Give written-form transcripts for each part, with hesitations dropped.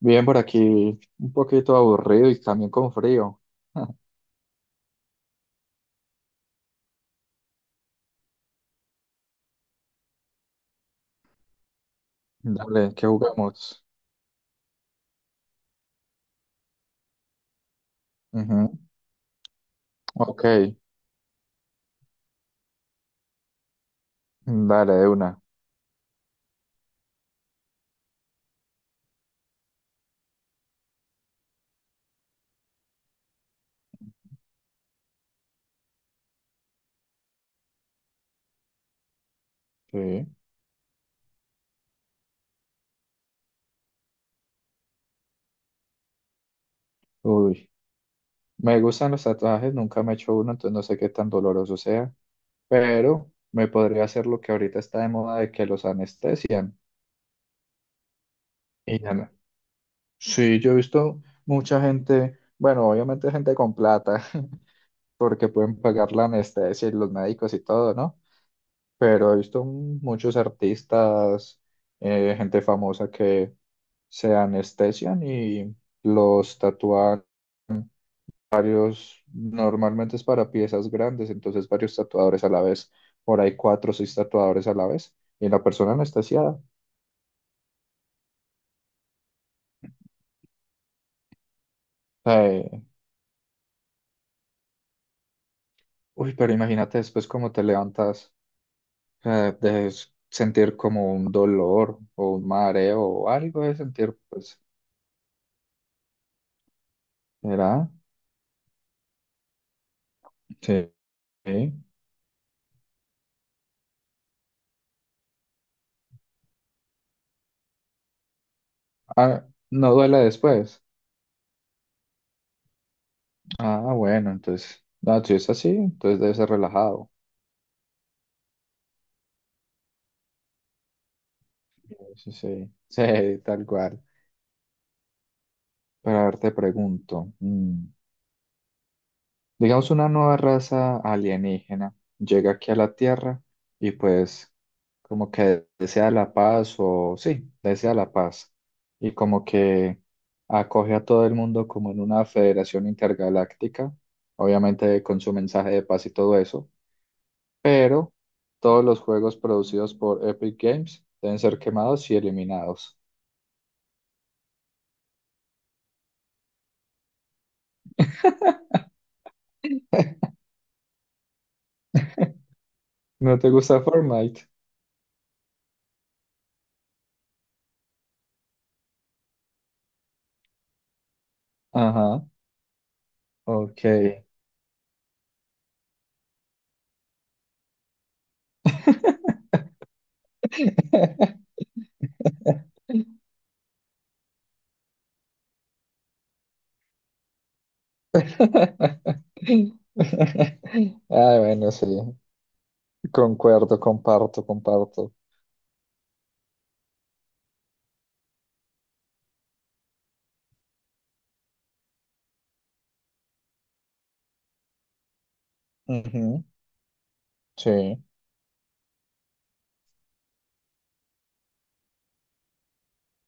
Bien, por aquí un poquito aburrido y también con frío. Dale, ¿qué jugamos? Ujú. Ok, dale, de una. Sí. Uy, me gustan los tatuajes, nunca me he hecho uno, entonces no sé qué tan doloroso sea, pero me podría hacer lo que ahorita está de moda de que los anestesian. Y ya no- Sí, yo he visto mucha gente, bueno, obviamente gente con plata, porque pueden pagar la anestesia y los médicos y todo, ¿no? Pero he visto muchos artistas, gente famosa que se anestesian y los tatúan varios. Normalmente es para piezas grandes, entonces varios tatuadores a la vez, por ahí cuatro o seis tatuadores a la vez, y la persona anestesiada. eh, Uy, pero imagínate después cómo te levantas. De sentir como un dolor o un mareo o algo de sentir, pues, ¿será? Sí. Sí. Ah, no duele después. Ah, bueno, entonces, no, si es así, entonces debe ser relajado. Sí, sí, sí, tal cual. Pero a ver, te pregunto, digamos una nueva raza alienígena llega aquí a la Tierra y pues como que desea la paz o sí, desea la paz, y como que acoge a todo el mundo como en una federación intergaláctica, obviamente con su mensaje de paz y todo eso. Pero todos los juegos producidos por Epic Games deben ser quemados y eliminados. ¿No te gusta Fortnite? Ajá, ok. Ah, bueno, sí, concuerdo, comparto, comparto. Ujú. Sí,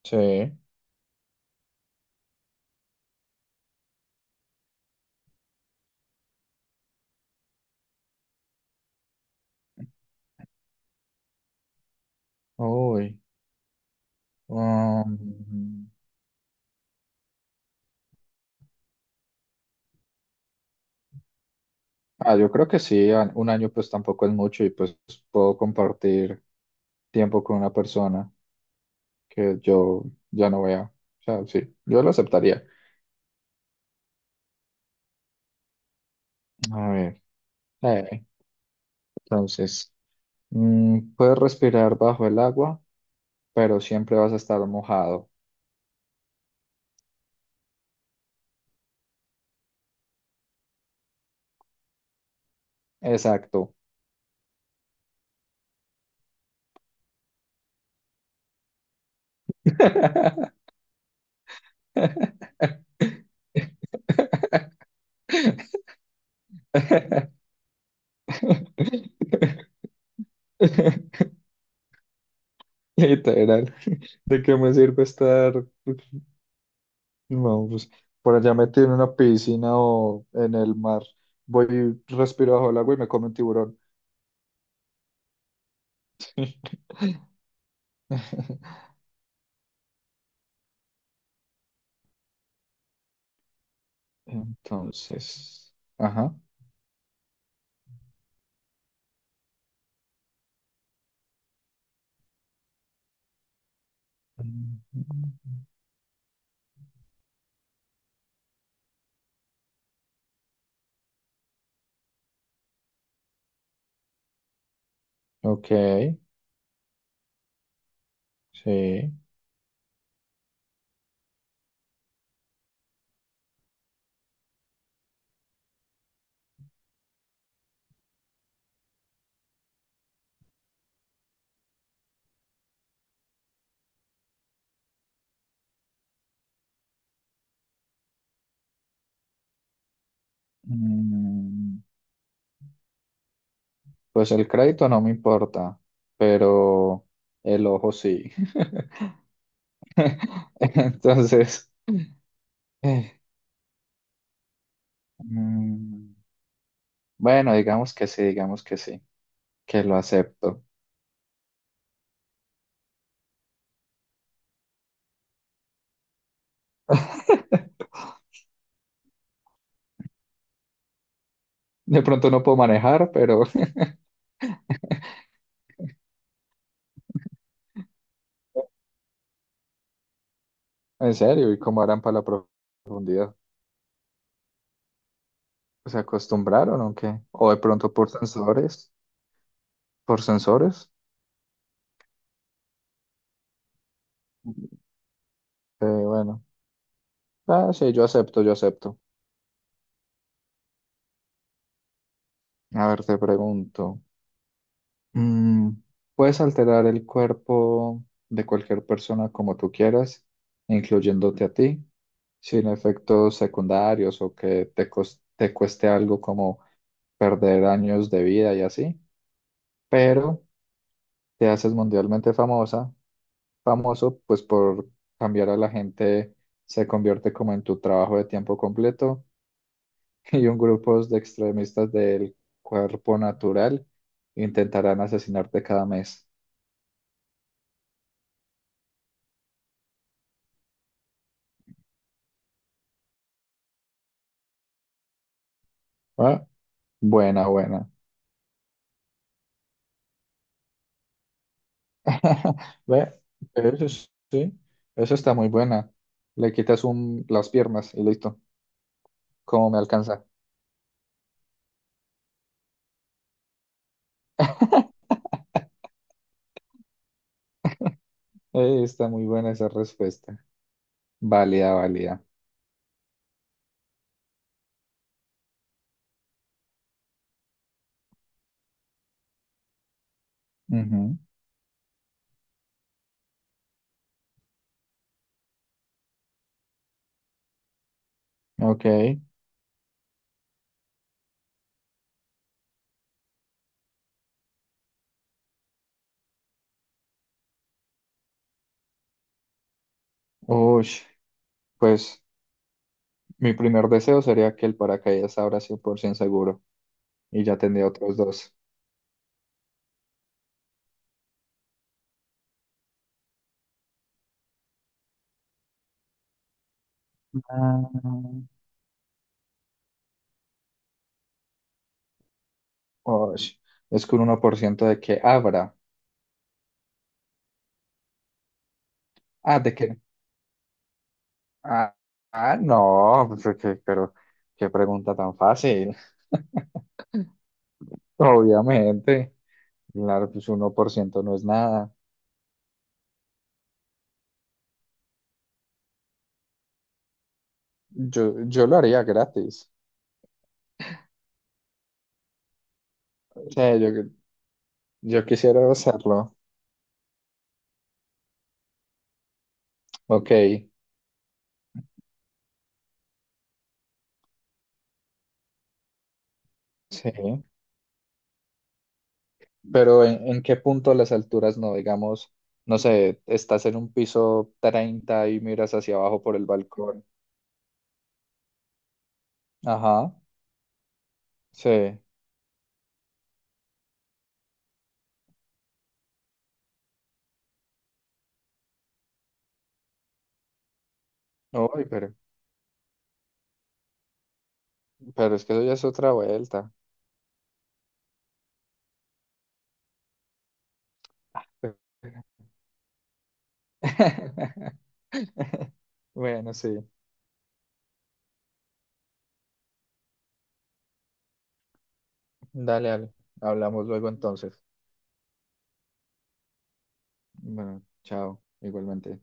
sí. Uy. um, ah, yo creo que sí. Un año pues tampoco es mucho y pues puedo compartir tiempo con una persona que yo ya no vea. O sea, sí, yo lo aceptaría. A ver, eh, entonces, puedes respirar bajo el agua, pero siempre vas a estar mojado. Exacto. Literal, ¿de qué me sirve estar? No, pues por allá metido en una piscina o en el mar, voy y respiro bajo el agua y me come un tiburón. Entonces, ajá. Mm, ok, sí. Mm, Pues el crédito no me importa, pero el ojo sí. Entonces, eh, mm, bueno, digamos que sí, que lo acepto. De pronto no puedo manejar, pero en serio, ¿y cómo harán para la profundidad? ¿Se acostumbraron o qué? O de pronto por sensores, por sensores. Bueno, ah, sí, yo acepto, yo acepto. A ver, te pregunto, mm, ¿puedes alterar el cuerpo de cualquier persona como tú quieras, incluyéndote a ti, sin efectos secundarios o que te cueste algo como perder años de vida y así? Pero te haces mundialmente famosa famoso, pues por cambiar a la gente, se convierte como en tu trabajo de tiempo completo y un grupo de extremistas del cuerpo natural intentarán asesinarte cada mes. Ah, buena, buena. Ve, sí, eso está muy buena. Le quitas las piernas y listo. ¿Cómo me alcanza? Está muy buena esa respuesta. Válida, válida. Ujú. Ok. Uy, pues mi primer deseo sería que el paracaídas abra 100% seguro y ya tendría otros dos. Ah, osh, es que un 1% de que abra. Ah, de que. Ah, ah, no, pues, ok, pero qué pregunta tan fácil. Obviamente. Claro, pues 1% no es nada. Yo lo haría gratis. O sea, yo quisiera hacerlo. Ok, sí. Pero ¿en qué punto las alturas no? Digamos, no sé, estás en un piso 30 y miras hacia abajo por el balcón. Ajá, sí. Uy, pero es que eso ya es otra vuelta. Bueno, sí. Dale, dale. Hablamos luego entonces. Bueno, chao, igualmente.